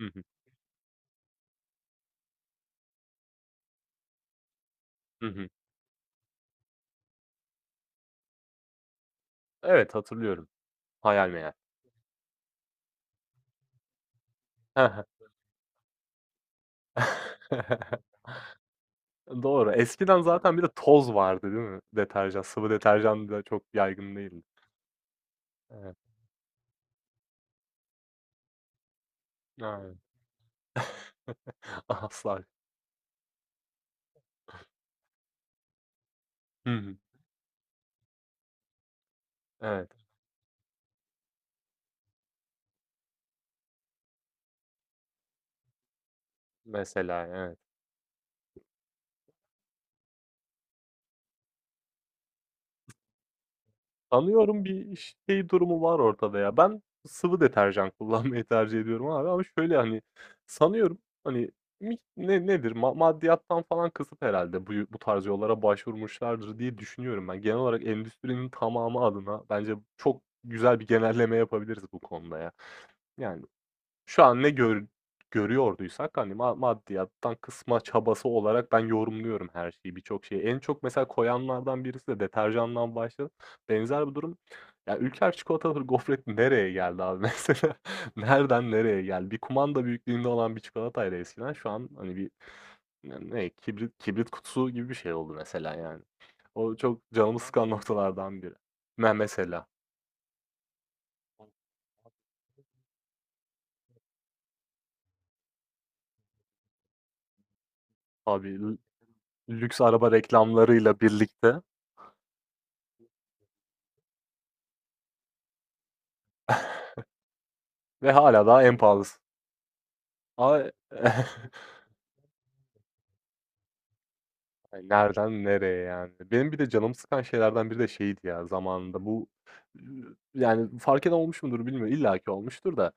Hı hı. Hı hı. Evet, hatırlıyorum. Hayal meyal. He he. Doğru. Eskiden zaten bir de toz vardı, değil mi? Deterjan, sıvı deterjan da çok yaygın değildi. Evet. Aynen. Asla. Hı hı. Evet. Mesela, evet. Sanıyorum bir şey durumu var ortada ya. Ben sıvı deterjan kullanmayı tercih ediyorum abi ama şöyle, hani, sanıyorum, hani, mi nedir, maddiyattan falan kısıp herhalde bu tarz yollara başvurmuşlardır diye düşünüyorum ben. Genel olarak endüstrinin tamamı adına bence çok güzel bir genelleme yapabiliriz bu konuda ya. Yani şu an ne görüyorduysak, hani, maddiyattan kısma çabası olarak ben yorumluyorum her şeyi, birçok şeyi. En çok mesela koyanlardan birisi de deterjandan başladı. Benzer bir durum ya, Ülker çikolatalı gofret nereye geldi abi mesela? Nereden nereye geldi? Bir kumanda büyüklüğünde olan bir çikolataydı eskiden şu an, hani, bir ne kibrit kutusu gibi bir şey oldu mesela, yani. O çok canımı sıkan noktalardan biri. Mesela. Abi lüks araba reklamlarıyla birlikte ve hala daha en pahalısı. Ama ay, nereden nereye yani? Benim bir de canımı sıkan şeylerden biri de şeydi ya zamanında bu yani fark eden olmuş mudur bilmiyorum. İlla ki olmuştur da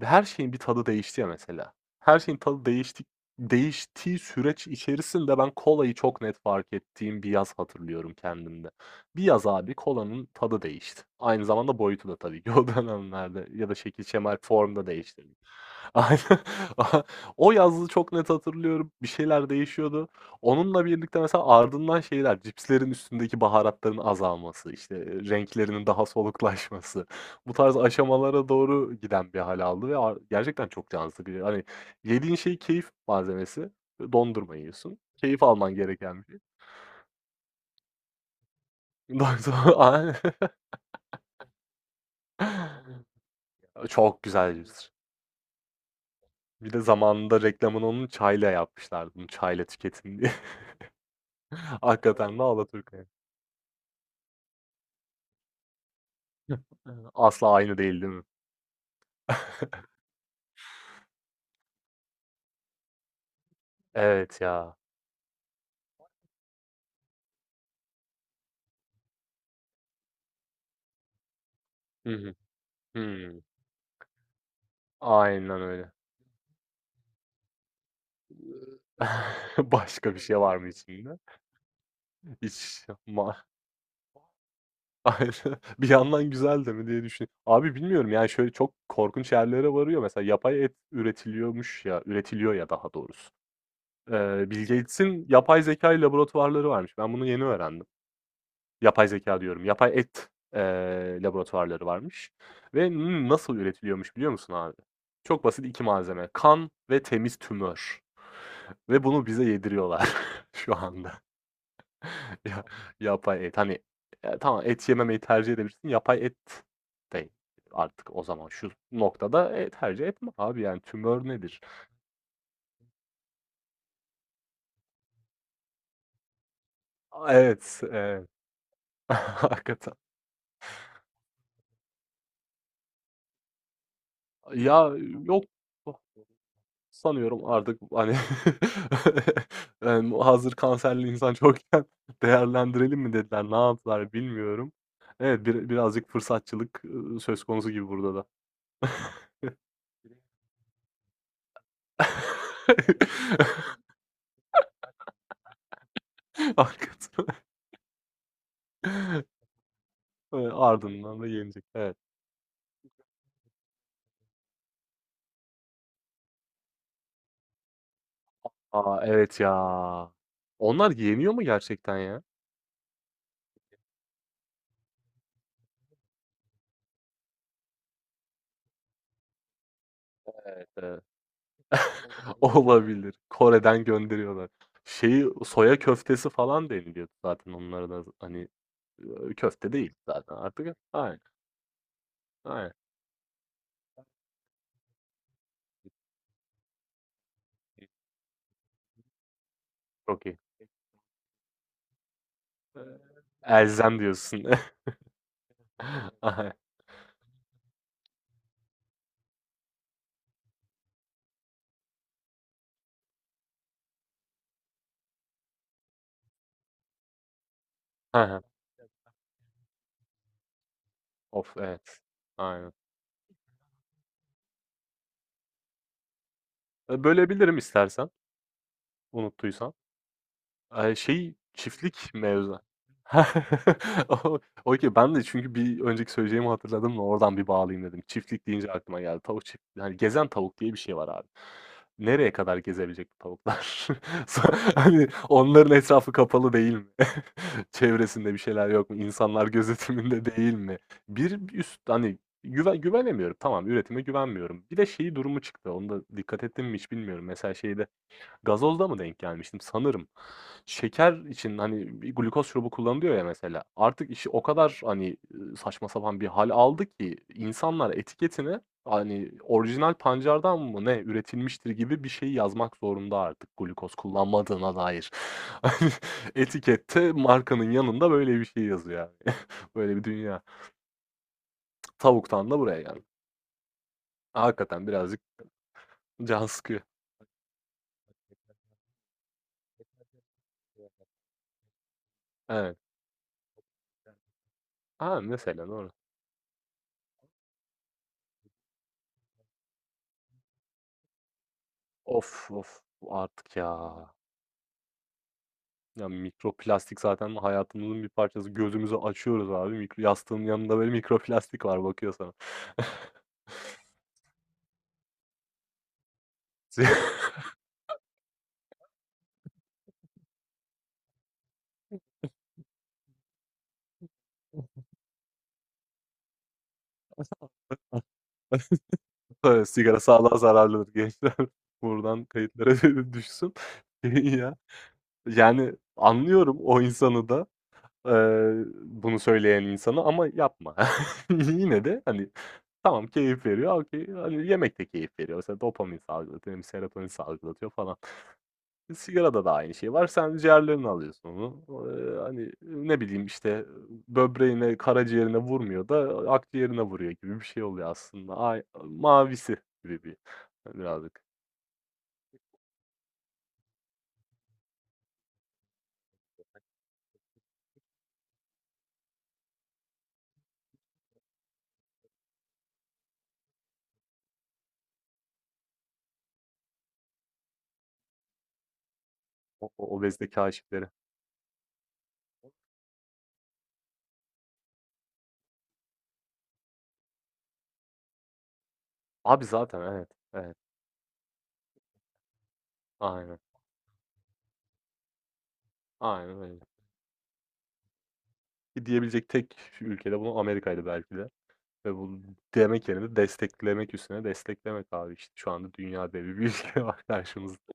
her şeyin bir tadı değişti ya mesela. Her şeyin tadı değişti değiştiği süreç içerisinde ben kolayı çok net fark ettiğim bir yaz hatırlıyorum kendimde. Bir yaz abi kolanın tadı değişti. Aynı zamanda boyutu da tabii ki o dönemlerde ya da şekil, şemal, formda değişti. Aynen. O yazı çok net hatırlıyorum. Bir şeyler değişiyordu. Onunla birlikte mesela ardından şeyler, cipslerin üstündeki baharatların azalması, işte, renklerinin daha soluklaşması, bu tarz aşamalara doğru giden bir hal aldı ve ar gerçekten çok can sıkıcı. Hani, yediğin şey keyif malzemesi, dondurma yiyorsun, keyif alman gereken bir şey. Ondan. Aynen. Çok güzel cips. Bir de zamanında reklamını onun çayla yapmışlardı, bunu çayla tüketin diye. Hakikaten de alaturka. Asla aynı değil, değil mi? Evet ya. Hı hı. Hımm. Aynen öyle. Başka bir şey var mı içinde? Hiç ma aynen. Bir yandan güzel de mi diye düşün abi bilmiyorum yani şöyle çok korkunç yerlere varıyor. Mesela yapay et üretiliyormuş ya, üretiliyor ya daha doğrusu. Bill Gates'in yapay zeka laboratuvarları varmış. Ben bunu yeni öğrendim. Yapay zeka diyorum, yapay et, laboratuvarları varmış ve nasıl üretiliyormuş biliyor musun abi? Çok basit 2 malzeme: kan ve temiz tümör ve bunu bize yediriyorlar şu anda. Ya, yapay et, hani, tamam et yememeyi tercih edebilirsin. Yapay et de artık o zaman şu noktada, tercih etme abi yani tümör nedir? A, evet, hakikaten. Ya, yok sanıyorum artık, hani, hazır kanserli insan çokken değerlendirelim mi dediler, ne yaptılar bilmiyorum. Evet, birazcık fırsatçılık, söz konusu gibi burada da. Hakikaten. Ardından da yenecek. Evet. A, evet ya. Onlar yeniyor mu gerçekten ya? Eee, Olabilir. Kore'den gönderiyorlar. Şeyi, soya köftesi falan deniliyor zaten onlara da. Hani, köfte değil zaten artık. Aynen, aynen. Çok iyi. Eee, Elzem diyorsun. Aynen. Hı. Of, evet. Aynen. Bölebilirim istersen, unuttuysan. Ay, şey, çiftlik mevzu. O okay, ben de çünkü bir önceki söyleyeceğimi hatırladım da oradan bir bağlayayım dedim. Çiftlik deyince aklıma geldi. Tavuk çift hani gezen tavuk diye bir şey var abi. Nereye kadar gezebilecek bu tavuklar? Sonra hani onların etrafı kapalı değil mi? Çevresinde bir şeyler yok mu? İnsanlar gözetiminde değil mi? Bir üst hani güvenemiyorum. Tamam, üretime güvenmiyorum. Bir de şeyi durumu çıktı. Onu da dikkat ettim mi hiç bilmiyorum. Mesela şeyde gazozda mı denk gelmiştim sanırım. Şeker için, hani, bir glukoz şurubu kullanılıyor ya mesela, artık işi o kadar, hani, saçma sapan bir hal aldı ki insanlar etiketine, hani, orijinal pancardan mı ne üretilmiştir gibi bir şey yazmak zorunda artık glukoz kullanmadığına dair. Hani, etikette markanın yanında böyle bir şey yazıyor yani. Böyle bir dünya. Tavuktan da buraya geldik. Hakikaten birazcık can sıkıyor. Evet. Ha, mesela doğru. Of, of artık ya. Ya, mikroplastik zaten hayatımızın bir parçası. Gözümüzü açıyoruz abi, mikro yastığın yanında böyle mikroplastik var bakıyor sana. Si Evet, sigara sağlığa zararlıdır gençler. Buradan kayıtlara düşsün. Ya, yani anlıyorum o insanı da, bunu söyleyen insanı ama yapma. Yine de, hani, tamam keyif veriyor, okey. Hani, yemek de keyif veriyor. Mesela dopamin salgılatıyor, hem serotonin salgılatıyor falan. Sigarada da aynı şey var. Sen ciğerlerini alıyorsun onu. Hani, ne bileyim, işte, böbreğine, karaciğerine vurmuyor da akciğerine vuruyor gibi bir şey oluyor aslında. Ay mavisi gibi bir birazcık. O obezite kâşifleri. Abi zaten evet, evet. Aynen, aynen öyle. Ki diyebilecek tek ülkede bunu Amerika'ydı belki de ve bu demek yerine desteklemek üstüne desteklemek abi, işte, şu anda dünya devi bir ülke var karşımızda.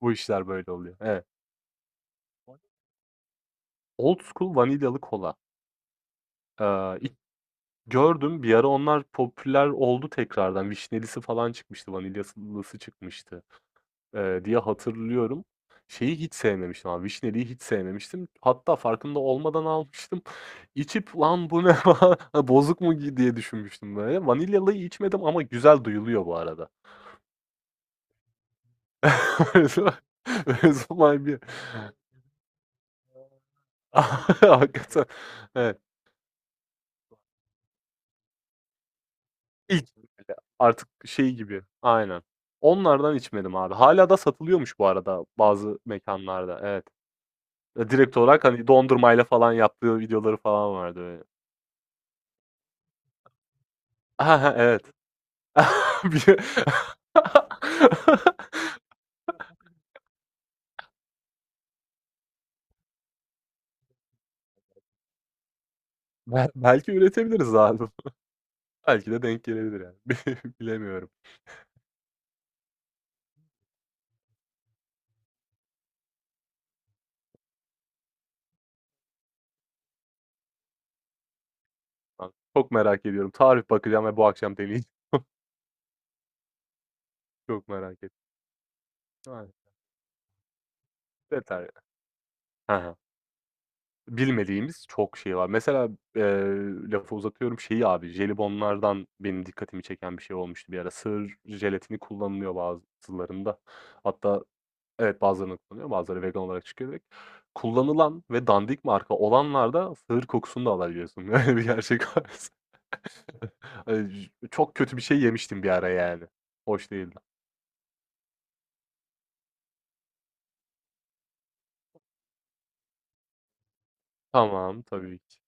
Bu işler böyle oluyor. Evet. Old school vanilyalı kola. Aaa, ilk gördüm, bir ara onlar popüler oldu tekrardan. Vişnelisi falan çıkmıştı, vanilyasılısı çıkmıştı, diye hatırlıyorum. Şeyi hiç sevmemiştim abi, vişneliyi hiç sevmemiştim. Hatta farkında olmadan almıştım. İçip "Lan bu ne falan, ha, bozuk mu ki?" diye düşünmüştüm böyle. Vanilyalıyı içmedim ama güzel duyuluyor bu arada. Öyle zaman bir. Hakikaten. Evet. İlk böyle artık şey gibi, aynen. Onlardan içmedim abi. Hâlâ da satılıyormuş bu arada bazı mekânlarda, evet. Direkt olarak, hani, dondurmayla falan yaptığı videoları falan vardı böyle. Ha he, evet. Bir Bel belki üretebiliriz abi. Belki de denk gelebilir yani. Bilemiyorum. Çok merak ediyorum. Tarif bakacağım ve bu akşam deneyeceğim. Çok merak ettim. Aynen. Yeter ya. He he. Bilmediğimiz çok şey var. Mesela, eee, lafı uzatıyorum, şeyi abi, jelibonlardan benim dikkatimi çeken bir şey olmuştu bir ara. Sığır jelatini kullanılıyor bazılarında. Hatta evet, bazılarında kullanıyor, bazıları vegan olarak çıkıyor direkt. Kullanılan ve dandik marka olanlarda sığır kokusunu da alabiliyorsun. Öyle bir gerçek var. J Çok kötü bir şey yemiştim bir ara yani. Hoş değildi. Tamam, tabii ki.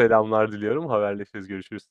Selamlar diliyorum. Haberleşiriz, görüşürüz.